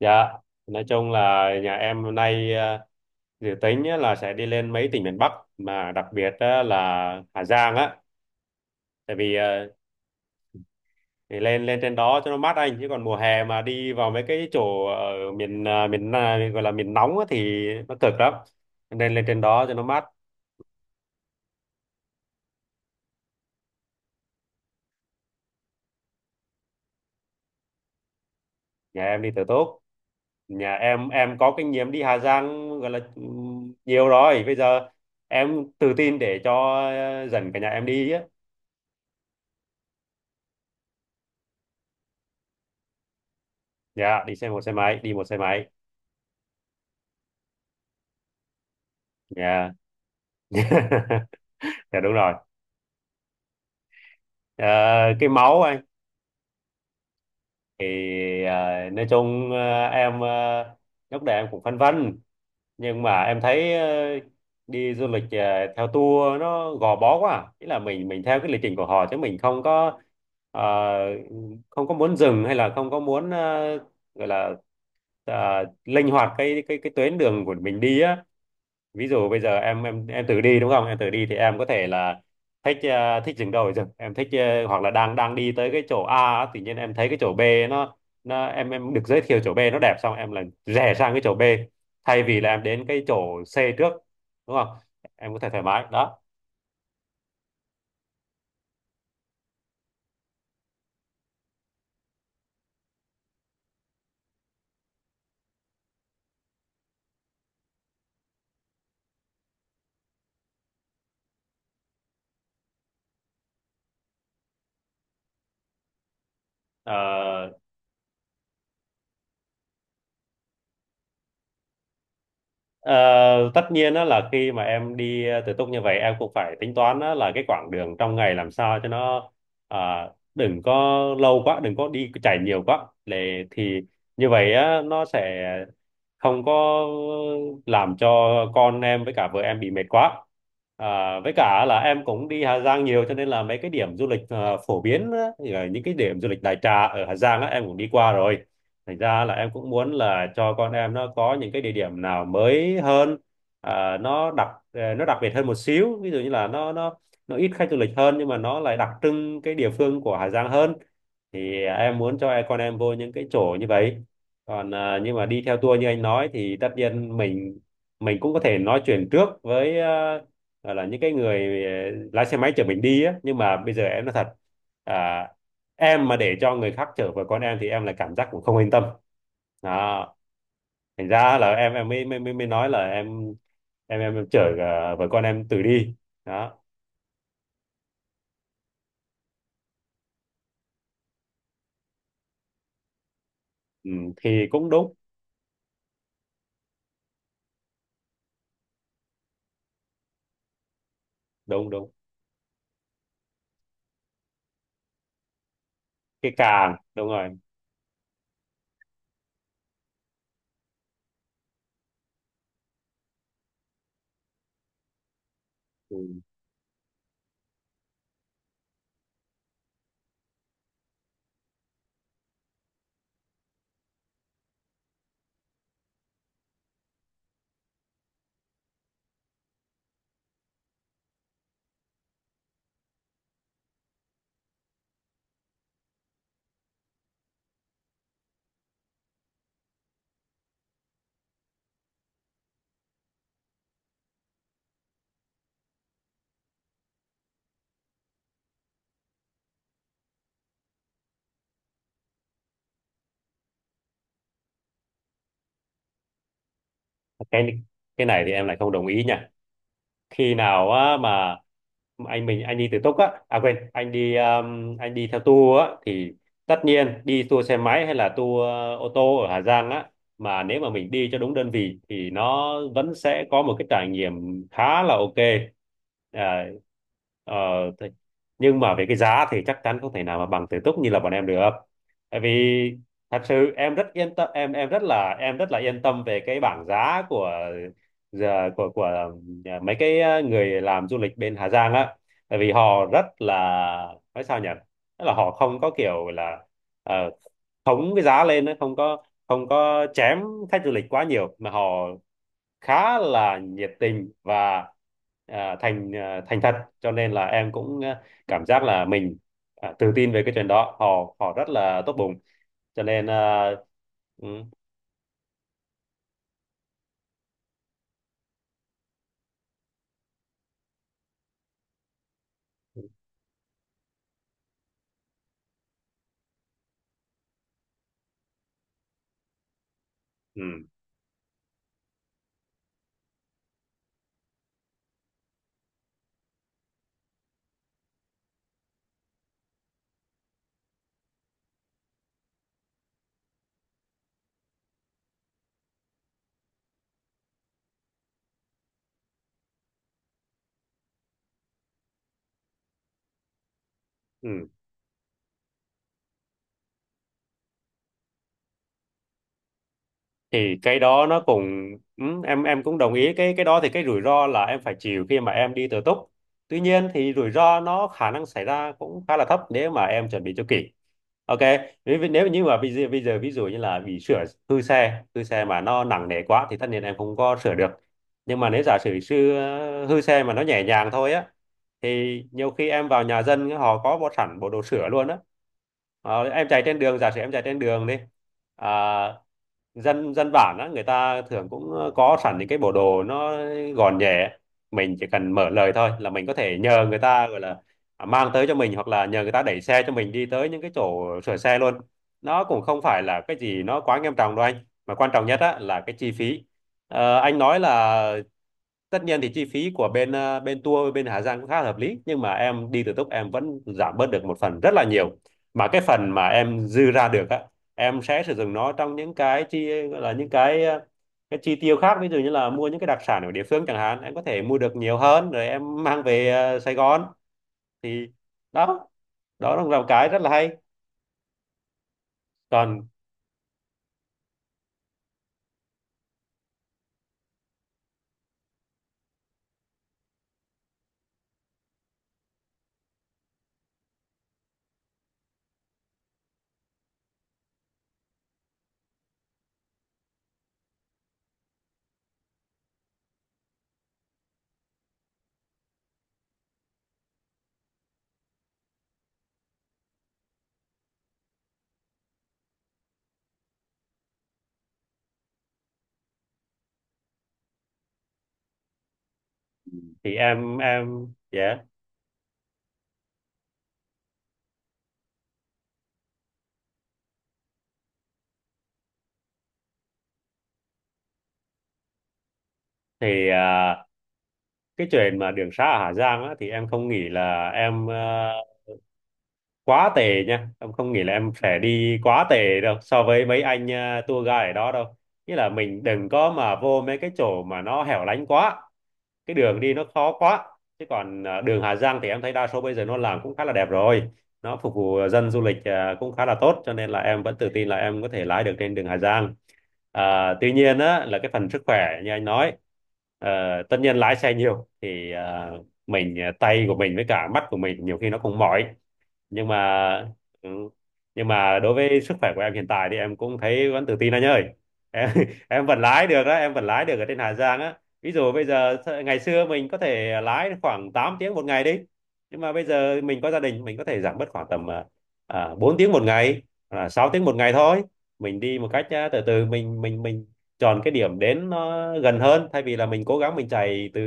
Dạ, nói chung là nhà em hôm nay dự tính á là sẽ đi lên mấy tỉnh miền Bắc mà đặc biệt á là Hà Giang á, tại vì thì lên lên trên đó cho nó mát anh, chứ còn mùa hè mà đi vào mấy cái chỗ ở miền miền Na- gọi là miền nóng á thì nó cực lắm. Cho nên lên trên đó cho nó mát. Nhà em đi từ tốt. Nhà em có kinh nghiệm đi Hà Giang, gọi là nhiều rồi. Bây giờ em tự tin để cho dẫn cả nhà em đi á. Dạ, đi một xe máy. Dạ. Dạ, đúng rồi. Ờ, cái máu anh thì nói chung, lúc đầu em cũng phân vân, nhưng mà em thấy đi du lịch theo tour nó gò bó quá à. Nghĩa là mình theo cái lịch trình của họ chứ mình không có ờ, không có muốn dừng, hay là không có muốn gọi là linh hoạt cái tuyến đường của mình đi á. Ví dụ bây giờ em tự đi đúng không, em tự đi thì em có thể là thích thích dừng đầu ở rừng em thích, hoặc là đang đang đi tới cái chỗ A á, tự nhiên em thấy cái chỗ B nó nó em được giới thiệu chỗ B nó đẹp, xong em là rẽ sang cái chỗ B thay vì là em đến cái chỗ C trước, đúng không, em có thể thoải mái đó. Ờ. Ờ, tất nhiên á, là khi mà em đi tự túc như vậy em cũng phải tính toán á, là cái quãng đường trong ngày làm sao cho nó à, đừng có lâu quá, đừng có đi chạy nhiều quá, để thì như vậy á, nó sẽ không có làm cho con em với cả vợ em bị mệt quá. À, với cả là em cũng đi Hà Giang nhiều, cho nên là mấy cái điểm du lịch phổ biến á, như những cái điểm du lịch đại trà ở Hà Giang á, em cũng đi qua rồi, thành ra là em cũng muốn là cho con em nó có những cái địa điểm nào mới hơn, nó đặc biệt hơn một xíu. Ví dụ như là nó ít khách du lịch hơn nhưng mà nó lại đặc trưng cái địa phương của Hà Giang hơn, thì em muốn cho con em vô những cái chỗ như vậy. Còn nhưng mà đi theo tour như anh nói thì tất nhiên mình, cũng có thể nói chuyện trước với gọi là những cái người lái xe máy chở mình đi á, nhưng mà bây giờ em nói thật, à, em mà để cho người khác chở với con em thì em lại cảm giác cũng không yên tâm, đó. Thành ra là em mới mới mới mới nói là em chở vợ con em tự đi, đó. Ừ, thì cũng đúng. Đúng, cái càng, đúng rồi. Ừ. Cái này thì em lại không đồng ý nhỉ. Khi nào á mà anh mình anh đi tự túc á à quên anh đi theo tour á thì tất nhiên đi tour xe máy hay là tour ô tô ở Hà Giang á, mà nếu mà mình đi cho đúng đơn vị thì nó vẫn sẽ có một cái trải nghiệm khá là ok. À. Ờ. thế- nhưng mà về cái giá thì chắc chắn không thể nào mà bằng tự túc như là bọn em được. Tại vì thật sự em rất yên tâm, em rất là yên tâm về cái bảng giá của giờ của mấy cái người làm du lịch bên Hà Giang á. Tại vì họ rất là, nói sao nhỉ, tức là họ không có kiểu là ờ, khống cái giá lên á, không có không có chém khách du lịch quá nhiều, mà họ khá là nhiệt tình và thành thật, cho nên là em cũng cảm giác là mình tự tin về cái chuyện đó. Họ họ rất là tốt bụng cho nên ờ. Ừ, ừ. Ừ, thì cái đó nó cũng, ừ, em cũng đồng ý cái đó, thì cái rủi ro là em phải chịu khi mà em đi tự túc. Tuy nhiên thì rủi ro nó khả năng xảy ra cũng khá là thấp, nếu mà em chuẩn bị cho kỹ. Ok, nếu nếu như mà bây giờ ví dụ như là bị sửa, hư xe mà nó nặng nề quá thì tất nhiên em không có sửa được. Nhưng mà nếu giả sử sư hư xe mà nó nhẹ nhàng thôi á, thì nhiều khi em vào nhà dân họ có một sẵn bộ đồ sửa luôn á. Ờ, em chạy trên đường, giả sử em chạy trên đường đi, à, dân dân bản á, người ta thường cũng có sẵn những cái bộ đồ nó gọn nhẹ. Mình chỉ cần mở lời thôi là mình có thể nhờ người ta gọi là mang tới cho mình, hoặc là nhờ người ta đẩy xe cho mình đi tới những cái chỗ sửa xe luôn. Nó cũng không phải là cái gì nó quá nghiêm trọng đâu anh, mà quan trọng nhất á là cái chi phí. Ờ, anh nói là tất nhiên thì chi phí của bên bên tour bên Hà Giang cũng khá là hợp lý, nhưng mà em đi tự túc em vẫn giảm bớt được một phần rất là nhiều. Mà cái phần mà em dư ra được á, em sẽ sử dụng nó trong những cái chi, gọi là những cái cái chi tiêu khác, ví dụ như là mua những cái đặc sản ở địa phương chẳng hạn, em có thể mua được nhiều hơn rồi em mang về Sài Gòn. Thì đó, đó là một cái rất là hay. Còn thì yeah, thì cái chuyện mà đường sá ở Hà Giang á thì em không nghĩ là em quá tệ nha, em không nghĩ là em sẽ đi quá tệ đâu so với mấy anh tour guide ở đó đâu. Nghĩa là mình đừng có mà vô mấy cái chỗ mà nó hẻo lánh quá, cái đường đi nó khó quá. Chứ còn đường Hà Giang thì em thấy đa số bây giờ nó làm cũng khá là đẹp rồi, nó phục vụ dân du lịch cũng khá là tốt, cho nên là em vẫn tự tin là em có thể lái được trên đường Hà Giang. À, tuy nhiên á là cái phần sức khỏe như anh nói, tất nhiên lái xe nhiều thì mình tay của mình với cả mắt của mình nhiều khi nó cũng mỏi, nhưng mà ừ. Nhưng mà đối với sức khỏe của em hiện tại thì em cũng thấy vẫn tự tin anh ơi. Em em vẫn lái được đó, em vẫn lái được ở trên Hà Giang á. Ví dụ bây giờ ngày xưa mình có thể lái khoảng 8 tiếng một ngày đi, nhưng mà bây giờ mình có gia đình mình có thể giảm bớt khoảng tầm 4 tiếng một ngày, 6 tiếng một ngày thôi. Mình đi một cách từ từ, mình chọn cái điểm đến nó gần hơn, thay vì là mình cố gắng mình chạy từ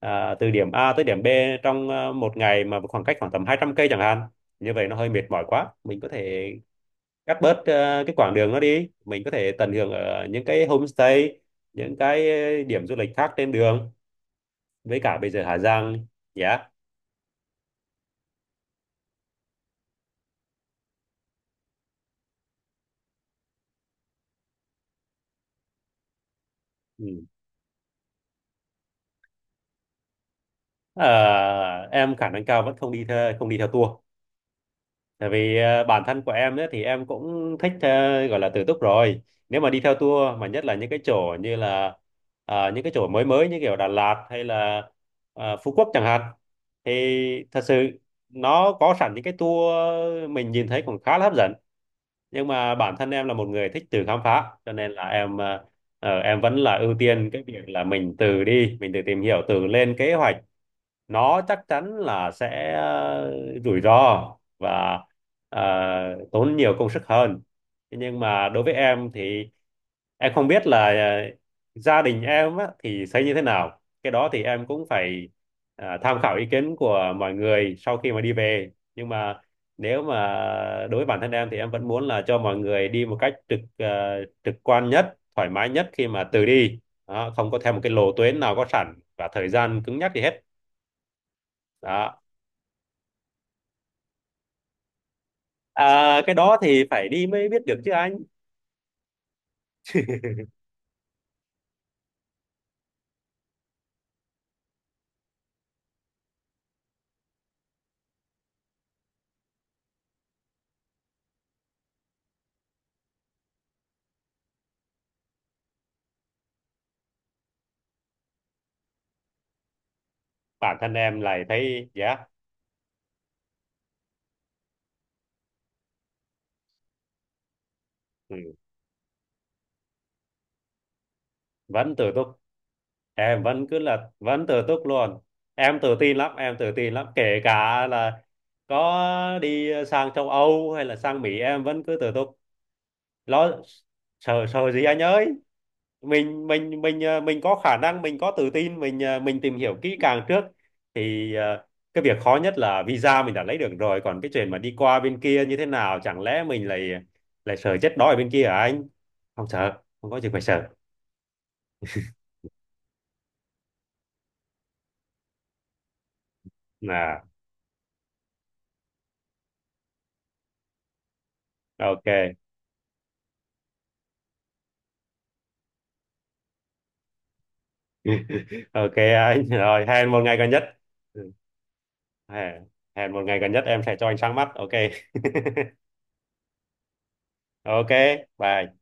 từ điểm A tới điểm B trong một ngày mà khoảng cách khoảng tầm 200 cây chẳng hạn, như vậy nó hơi mệt mỏi quá. Mình có thể cắt bớt cái quãng đường nó đi, mình có thể tận hưởng ở những cái homestay, những cái điểm du lịch khác trên đường. Với cả bây giờ Hà Giang giá. Ừ. Ờ, em khả năng cao vẫn không đi theo, tour. Tại vì bản thân của em ấy, thì em cũng thích gọi là tự túc rồi. Nếu mà đi theo tour mà nhất là những cái chỗ như là những cái chỗ mới mới như kiểu Đà Lạt hay là Phú Quốc chẳng hạn, thì thật sự nó có sẵn những cái tour mình nhìn thấy cũng khá là hấp dẫn. Nhưng mà bản thân em là một người thích tự khám phá, cho nên là em vẫn là ưu tiên cái việc là mình tự đi, mình tự tìm hiểu, tự lên kế hoạch. Nó chắc chắn là sẽ rủi ro và ờ, tốn nhiều công sức hơn. Thế nhưng mà đối với em thì em không biết là gia đình em á, thì thấy như thế nào, cái đó thì em cũng phải tham khảo ý kiến của mọi người sau khi mà đi về. Nhưng mà nếu mà đối với bản thân em thì em vẫn muốn là cho mọi người đi một cách trực quan nhất, thoải mái nhất, khi mà từ đi đó, không có theo một cái lộ tuyến nào có sẵn và thời gian cứng nhắc gì hết, đó. À, cái đó thì phải đi mới biết được chứ anh. Bản thân em lại thấy dạ. Ừ, vẫn tự túc. Em vẫn cứ là vẫn tự túc luôn. Em tự tin lắm, kể cả là có đi sang châu Âu hay là sang Mỹ em vẫn cứ tự túc. Lo sợ, gì anh ơi. Mình có khả năng, mình có tự tin, mình mình tìm hiểu kỹ càng trước thì ờ, cái việc khó nhất là visa mình đã lấy được rồi, còn cái chuyện mà đi qua bên kia như thế nào, chẳng lẽ mình lại lại sợ chết đói ở bên kia hả anh? Không sợ, không có gì phải sợ là ok. Ok anh, rồi hẹn một ngày gần nhất. Ừ, hẹn hẹn một ngày gần nhất em sẽ cho anh sáng mắt, ok. Ok, bye.